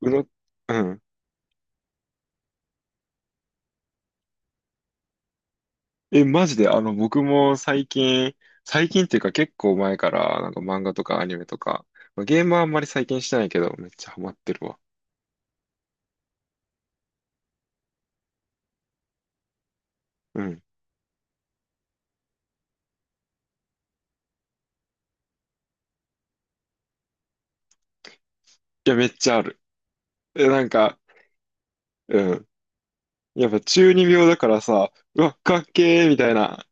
うろ、うん。え、マジで、僕も最近、最近っていうか結構前から、なんか漫画とかアニメとか、まあゲームはあんまり最近してないけど、めっちゃハマってるわ。うん。いや、めっちゃある。え、なんか、うん。やっぱ中二病だからさ、うわ、かっけーみたいな、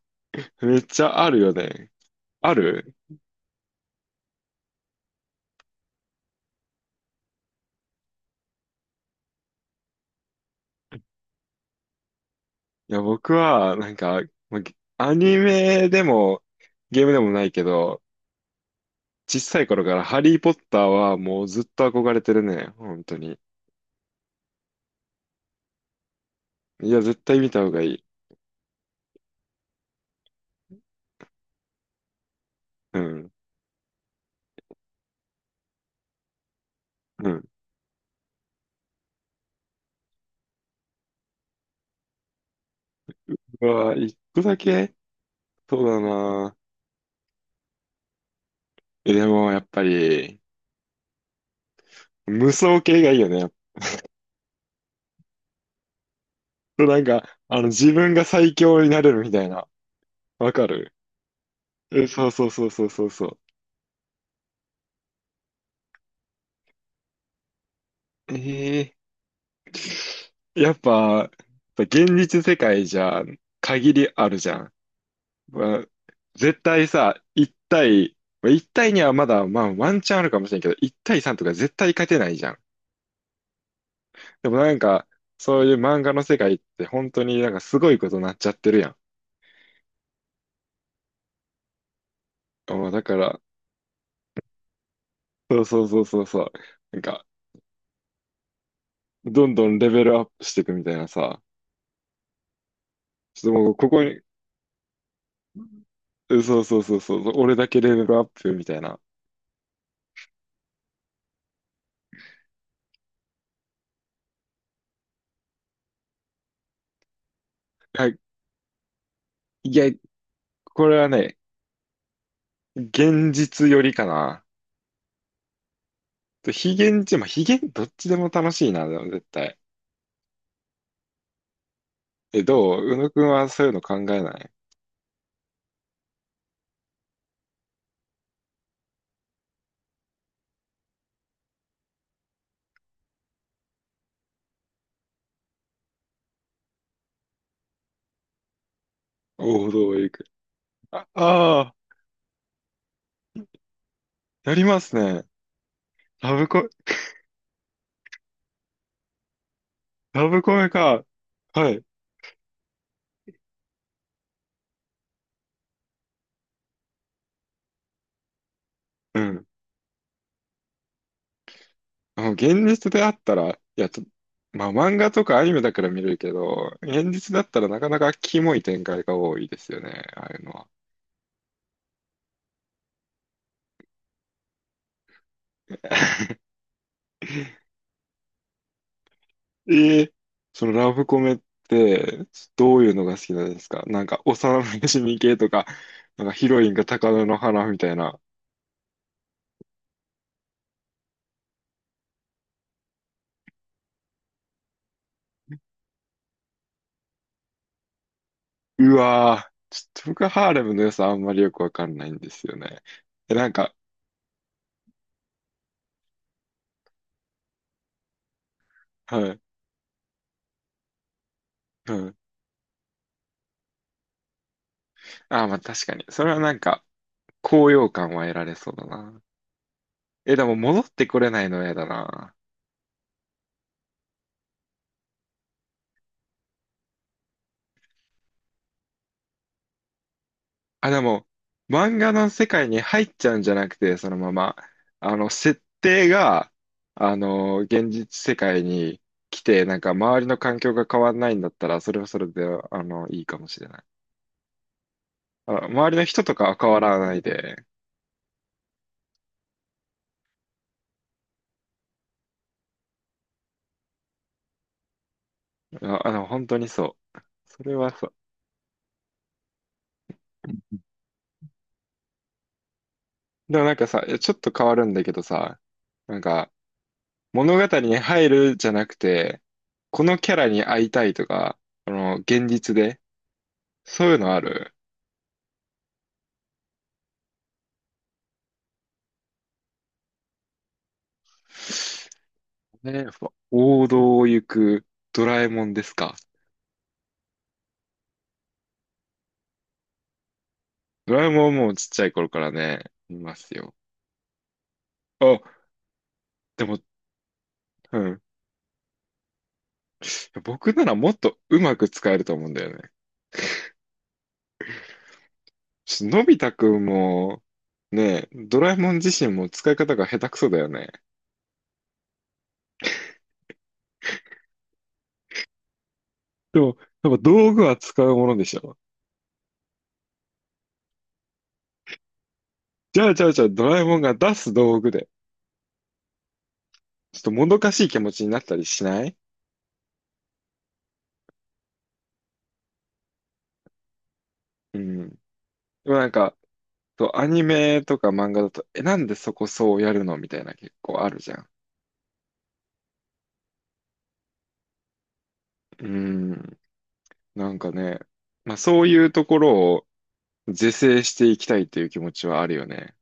めっちゃあるよね。あるいや、僕は、なんか、まあゲアニメでも、ゲームでもないけど、小さい頃からハリー・ポッターはもうずっと憧れてるね。本当に。いや、絶対見た方がいい。うん。うん。うわ、一個だけそうだな。え、でも、やっぱり、無双系がいいよね。なんか、自分が最強になれるみたいな。わかるえ、そうそうそうそうそうそう。やっぱ、現実世界じゃ、限りあるじゃん。まあ、絶対さ、1対、まあ1対にはまだ、まあ、ワンチャンあるかもしれんけど、1対3とか絶対勝てないじゃん。でもなんか、そういう漫画の世界って本当になんかすごいことになっちゃってるやん。あだから、そうそうそうそうそう。なんか、どんどんレベルアップしていくみたいなさ。ちょっともう ここに、うんそうそうそうそう、俺だけレベルアップみたいな。はい、いや、これはね、現実よりかな。と非現実、まあ、非現、どっちでも楽しいな、でも絶対。え、どう宇野くんはそういうの考えない？王道へ行く。あ、ああ、やりますね。ラブコ、ラブコメか。はい。うん。あ現実であったら、いや、ちょまあ漫画とかアニメだから見れるけど、現実だったらなかなかキモい展開が多いですよね、ああいうのは。えーそのラブコメってどういうのが好きなんですか？なんか幼馴染系とか、なんかヒロインが高嶺の花みたいな。うわーちょっと僕はハーレムの良さあんまりよくわかんないんですよね。え、なんか、はい、はい。ああ、まあ確かに。それはなんか高揚感は得られそうだな。え、でも戻ってこれないの嫌だな。あ、でも、漫画の世界に入っちゃうんじゃなくて、そのまま、設定が、現実世界に来て、なんか周りの環境が変わらないんだったら、それはそれで、いいかもしれない。あ、周りの人とかは変わらないで、あ、本当にそう。それはそう。でもなんかさ、いやちょっと変わるんだけどさ、なんか物語に入るじゃなくて、このキャラに会いたいとか、現実でそういうのある？ね、ふわ王道を行くドラえもんですか。ドラえもんはもうちっちゃい頃からね、いますよ。あ、でも、うん。僕ならもっとうまく使えると思うんだよね。ちょっとのび太くんも、ね、ドラえもん自身も使い方が下手くそだよね。でも、やっぱ道具は使うものでしょ。じゃあ、ドラえもんが出す道具で、ちょっともどかしい気持ちになったりしない？うん。でもなんか、そう、アニメとか漫画だと、え、なんでそこそうやるのみたいな結構あるじゃん。うん。なんかね、まあそういうところを是正していきたいという気持ちはあるよね。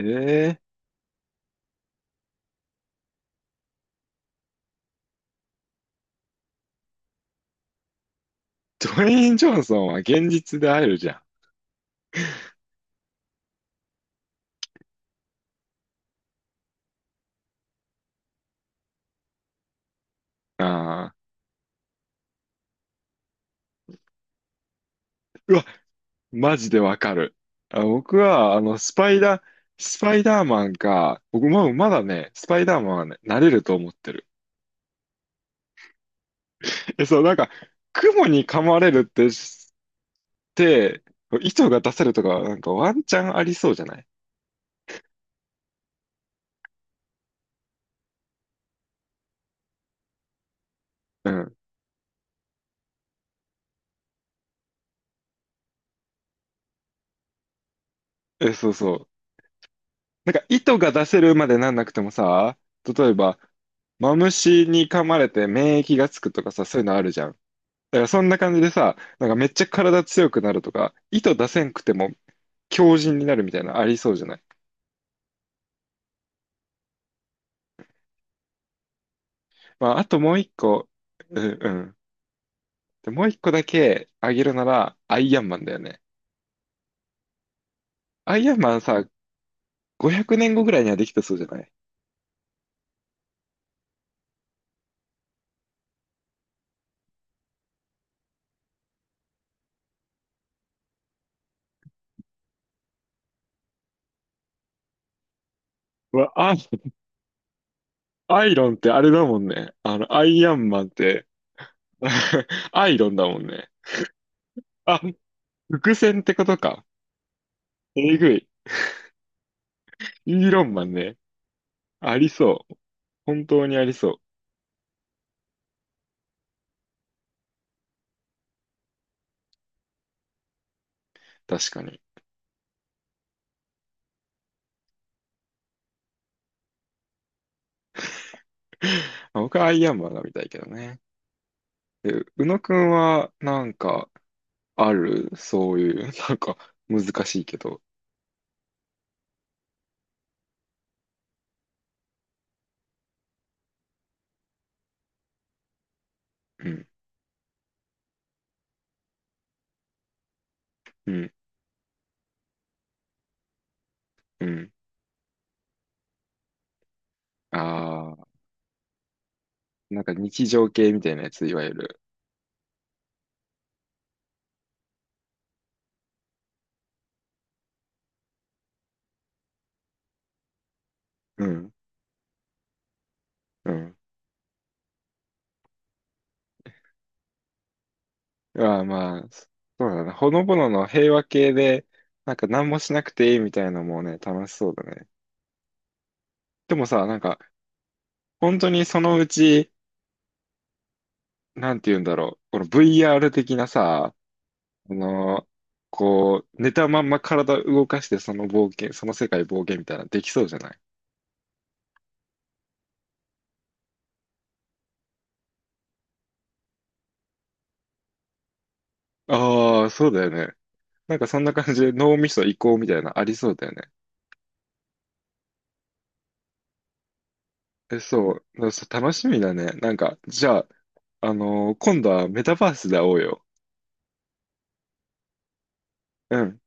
ええドウェイン・ジョンソンは現実で会えるじゃん。ああ。うわ、マジでわかる。あ、僕は、スパイダー、スパイダーマンか、僕もまだね、スパイダーマンはね、なれると思ってる。え、そう、なんか、雲に噛まれるってで、糸が出せるとかはなんかワンチャンありそうじゃない？うん。え、そうそう。なんか糸が出せるまでなんなくてもさ、例えば、マムシに噛まれて免疫がつくとかさ、そういうのあるじゃん。だからそんな感じでさ、なんかめっちゃ体強くなるとか、糸出せんくても強靭になるみたいなのありそうじゃない？まあ、あともう一個、うんうん。で、もう一個だけあげるなら、アイアンマンだよね。アイアンマンさ、500年後ぐらいにはできたそうじゃない？うわ、あアイロンってあれだもんね。アイアンマンって アイロンだもんね。あ、伏線ってことか。えぐい。イーロンマンね。ありそう。本当にありそう。確かに。あ僕はアイアンマンが見たいけどね。え、宇野くんは、なんか、あるそういう、なんか、難しいけど。うん、うん、うん。ああ、なんか日常系みたいなやつ、いわゆる。うん、うん。ああ、まあ、そうだな。ほのぼのの平和系で、なんか何もしなくていいみたいなのもね、楽しそうだね。でもさ、なんか、本当にそのうち、なんて言うんだろう、この VR 的なさ、あの、こう、寝たまんま体動かしてその冒険、その世界冒険みたいなのできそうじゃない？ああ、そうだよね。なんかそんな感じで脳みそ移行みたいなのありそうだよね。え、そう。だからそう楽しみだね。なんか、じゃあ、今度はメタバースで会おうよ。うん。